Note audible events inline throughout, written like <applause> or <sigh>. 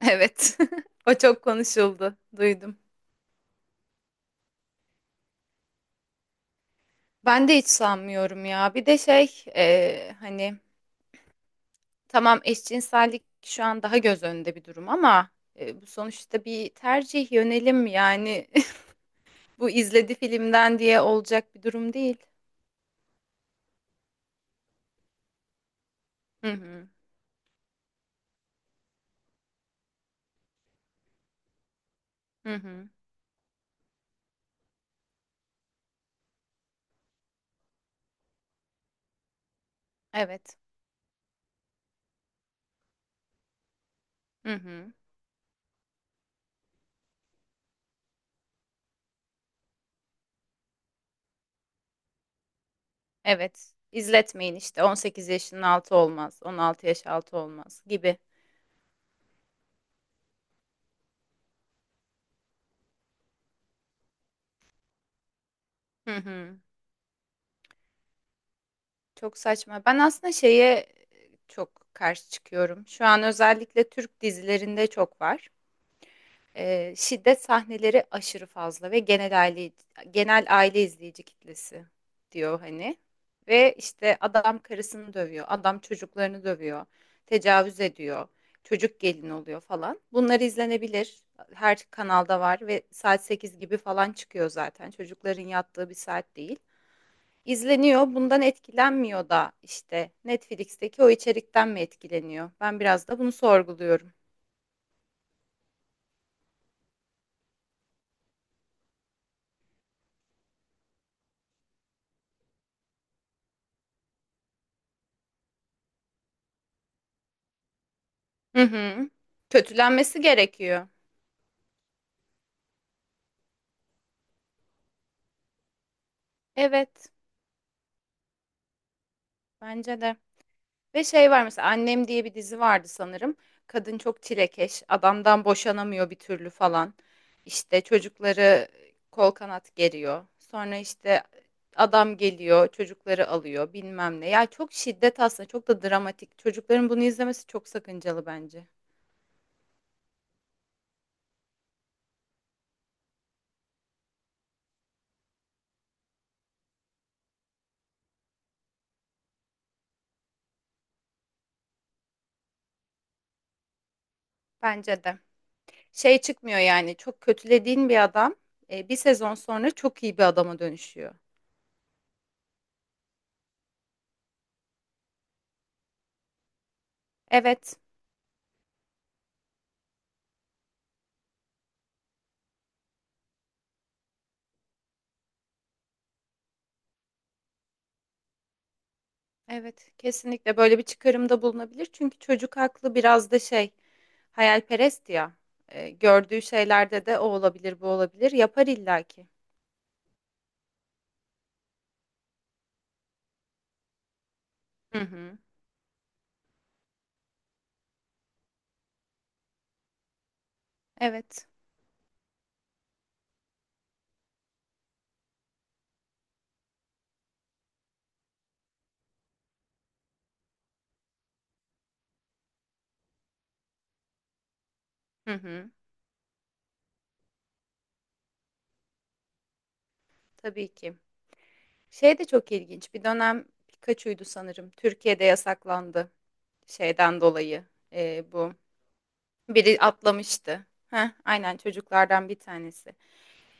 Evet. <laughs> O çok konuşuldu. Duydum. Ben de hiç sanmıyorum ya. Bir de tamam eşcinsellik şu an daha göz önünde bir durum ama bu sonuçta bir tercih yönelim yani <laughs> bu izledi filmden diye olacak bir durum değil. Hı hı. Hı hı. Evet. Hı hı. Evet. İzletmeyin işte 18 yaşının altı olmaz, 16 yaş altı olmaz gibi. Hı hı. Çok saçma. Ben aslında çok karşı çıkıyorum. Şu an özellikle Türk dizilerinde çok var. Şiddet sahneleri aşırı fazla ve genel aile izleyici kitlesi diyor hani. Ve işte adam karısını dövüyor, adam çocuklarını dövüyor, tecavüz ediyor, çocuk gelin oluyor falan. Bunlar izlenebilir. Her kanalda var ve saat 8 gibi falan çıkıyor zaten. Çocukların yattığı bir saat değil. İzleniyor, bundan etkilenmiyor da işte Netflix'teki o içerikten mi etkileniyor? Ben biraz da bunu sorguluyorum. Hı hı. Kötülenmesi gerekiyor. Evet, bence de. Ve şey var mesela Annem diye bir dizi vardı sanırım. Kadın çok çilekeş, adamdan boşanamıyor bir türlü falan. İşte çocukları kol kanat geriyor. Sonra işte adam geliyor, çocukları alıyor, bilmem ne. Ya çok şiddet aslında, çok da dramatik. Çocukların bunu izlemesi çok sakıncalı bence. Bence de. Şey çıkmıyor yani çok kötülediğin bir adam bir sezon sonra çok iyi bir adama dönüşüyor. Evet, evet kesinlikle böyle bir çıkarımda bulunabilir. Çünkü çocuk aklı biraz da şey hayalperest ya. Gördüğü şeylerde de o olabilir bu olabilir yapar illaki. Hı hı. Evet. Hı hı. Tabii ki. Şey de çok ilginç. Bir dönem Pikachu'ydu sanırım. Türkiye'de yasaklandı şeyden dolayı. Bu biri atlamıştı. Heh, aynen çocuklardan bir tanesi.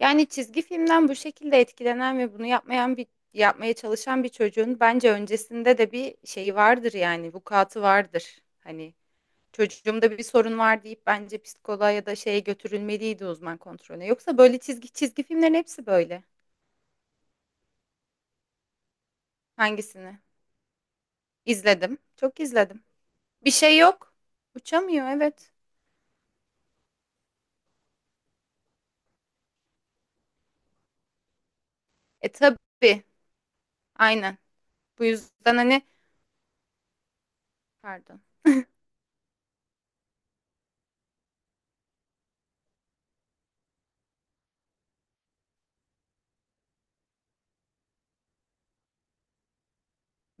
Yani çizgi filmden bu şekilde etkilenen ve bunu yapmayan bir yapmaya çalışan bir çocuğun bence öncesinde de bir şeyi vardır yani vukuatı vardır. Hani çocuğumda bir sorun var deyip bence psikoloğa ya da şeye götürülmeliydi uzman kontrolüne. Yoksa böyle çizgi filmlerin hepsi böyle. Hangisini? İzledim. Çok izledim. Bir şey yok. Uçamıyor evet. E tabii. Aynen. Bu yüzden pardon.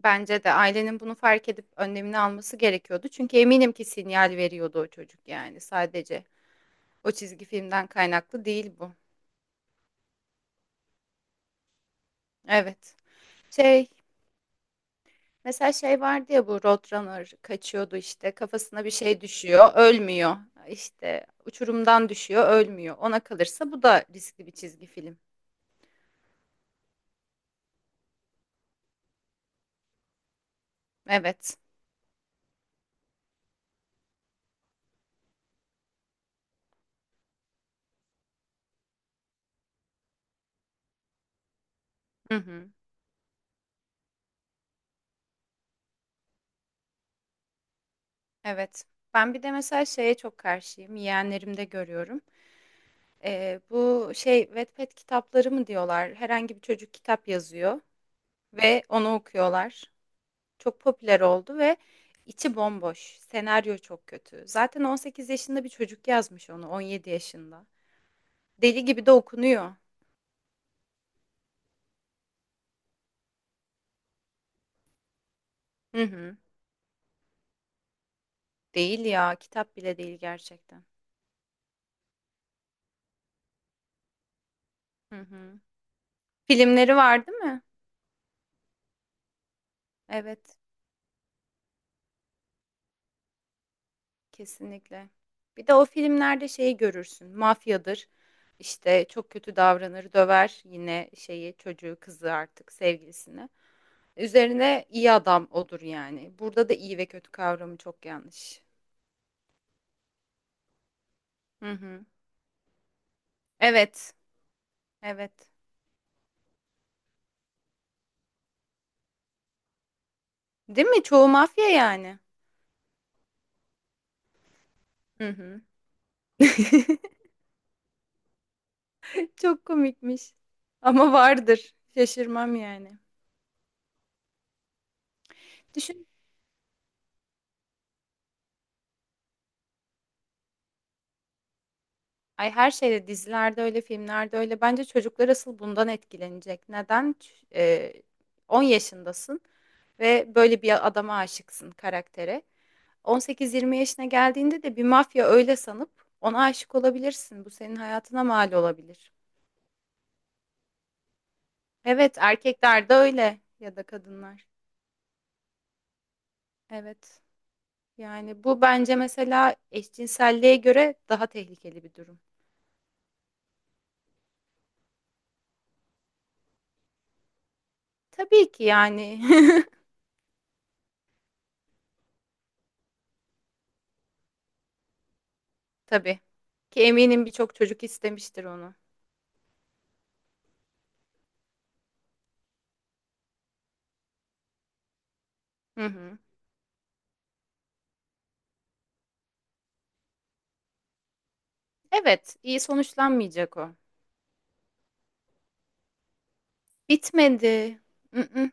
Bence de ailenin bunu fark edip önlemini alması gerekiyordu. Çünkü eminim ki sinyal veriyordu o çocuk yani sadece. O çizgi filmden kaynaklı değil bu. Evet. Şey, mesela şey vardı ya bu Roadrunner kaçıyordu işte kafasına bir şey düşüyor, ölmüyor. İşte uçurumdan düşüyor, ölmüyor. Ona kalırsa bu da riskli bir çizgi film. Evet. Hı hı. Evet. Ben bir de mesela şeye çok karşıyım. Yeğenlerimde görüyorum. Bu şey Wattpad kitapları mı diyorlar? Herhangi bir çocuk kitap yazıyor ve onu okuyorlar. Çok popüler oldu ve içi bomboş. Senaryo çok kötü. Zaten 18 yaşında bir çocuk yazmış onu, 17 yaşında. Deli gibi de okunuyor. Hı hı. Değil ya, kitap bile değil gerçekten. Hı hı. Filmleri var değil mi? Evet. Kesinlikle. Bir de o filmlerde şeyi görürsün. Mafyadır. İşte çok kötü davranır, döver yine şeyi çocuğu, kızı artık sevgilisini. Üzerine iyi adam odur yani. Burada da iyi ve kötü kavramı çok yanlış. Hı hı. Evet. Evet. Değil mi? Çoğu mafya yani. Hı hı. <laughs> Çok komikmiş. Ama vardır. Şaşırmam yani. Düşün. Ay her şeyde dizilerde öyle, filmlerde öyle. Bence çocuklar asıl bundan etkilenecek. Neden? 10 yaşındasın ve böyle bir adama aşıksın karaktere. 18-20 yaşına geldiğinde de bir mafya öyle sanıp ona aşık olabilirsin. Bu senin hayatına mal olabilir. Evet, erkekler de öyle ya da kadınlar. Evet. Yani bu bence mesela eşcinselliğe göre daha tehlikeli bir durum. Tabii ki yani. <laughs> Tabii ki eminim birçok çocuk istemiştir onu. Hı hı. Evet, iyi sonuçlanmayacak o. Bitmedi. Mm-mm.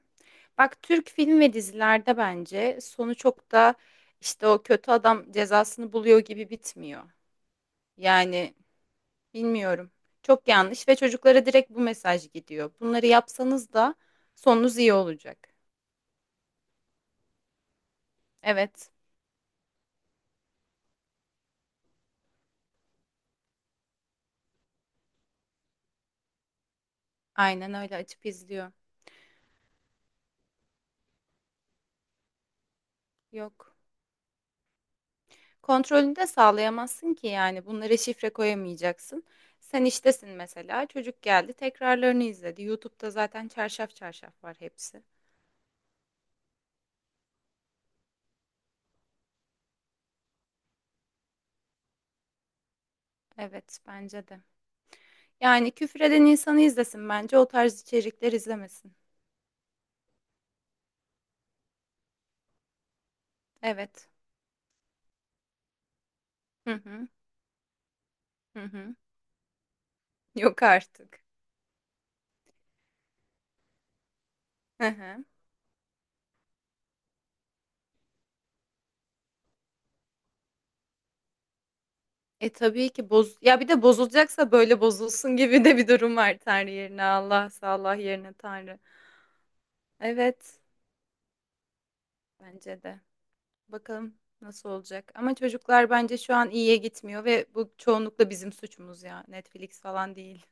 Bak Türk film ve dizilerde bence sonu çok da işte o kötü adam cezasını buluyor gibi bitmiyor. Yani bilmiyorum. Çok yanlış ve çocuklara direkt bu mesaj gidiyor. Bunları yapsanız da sonunuz iyi olacak. Evet, aynen öyle açıp izliyor. Yok. Kontrolünü de sağlayamazsın ki yani bunlara şifre koyamayacaksın. Sen iştesin mesela çocuk geldi tekrarlarını izledi. YouTube'da zaten çarşaf çarşaf var hepsi. Evet bence de. Yani küfreden insanı izlesin bence o tarz içerikler izlemesin. Evet. Hı hı hı hı. Yok artık. Hı hı. E tabii ki boz ya bir de bozulacaksa böyle bozulsun gibi de bir durum var Tanrı yerine Allah, Allah yerine Tanrı. Evet bence de. Bakalım nasıl olacak. Ama çocuklar bence şu an iyiye gitmiyor ve bu çoğunlukla bizim suçumuz ya. Netflix falan değil.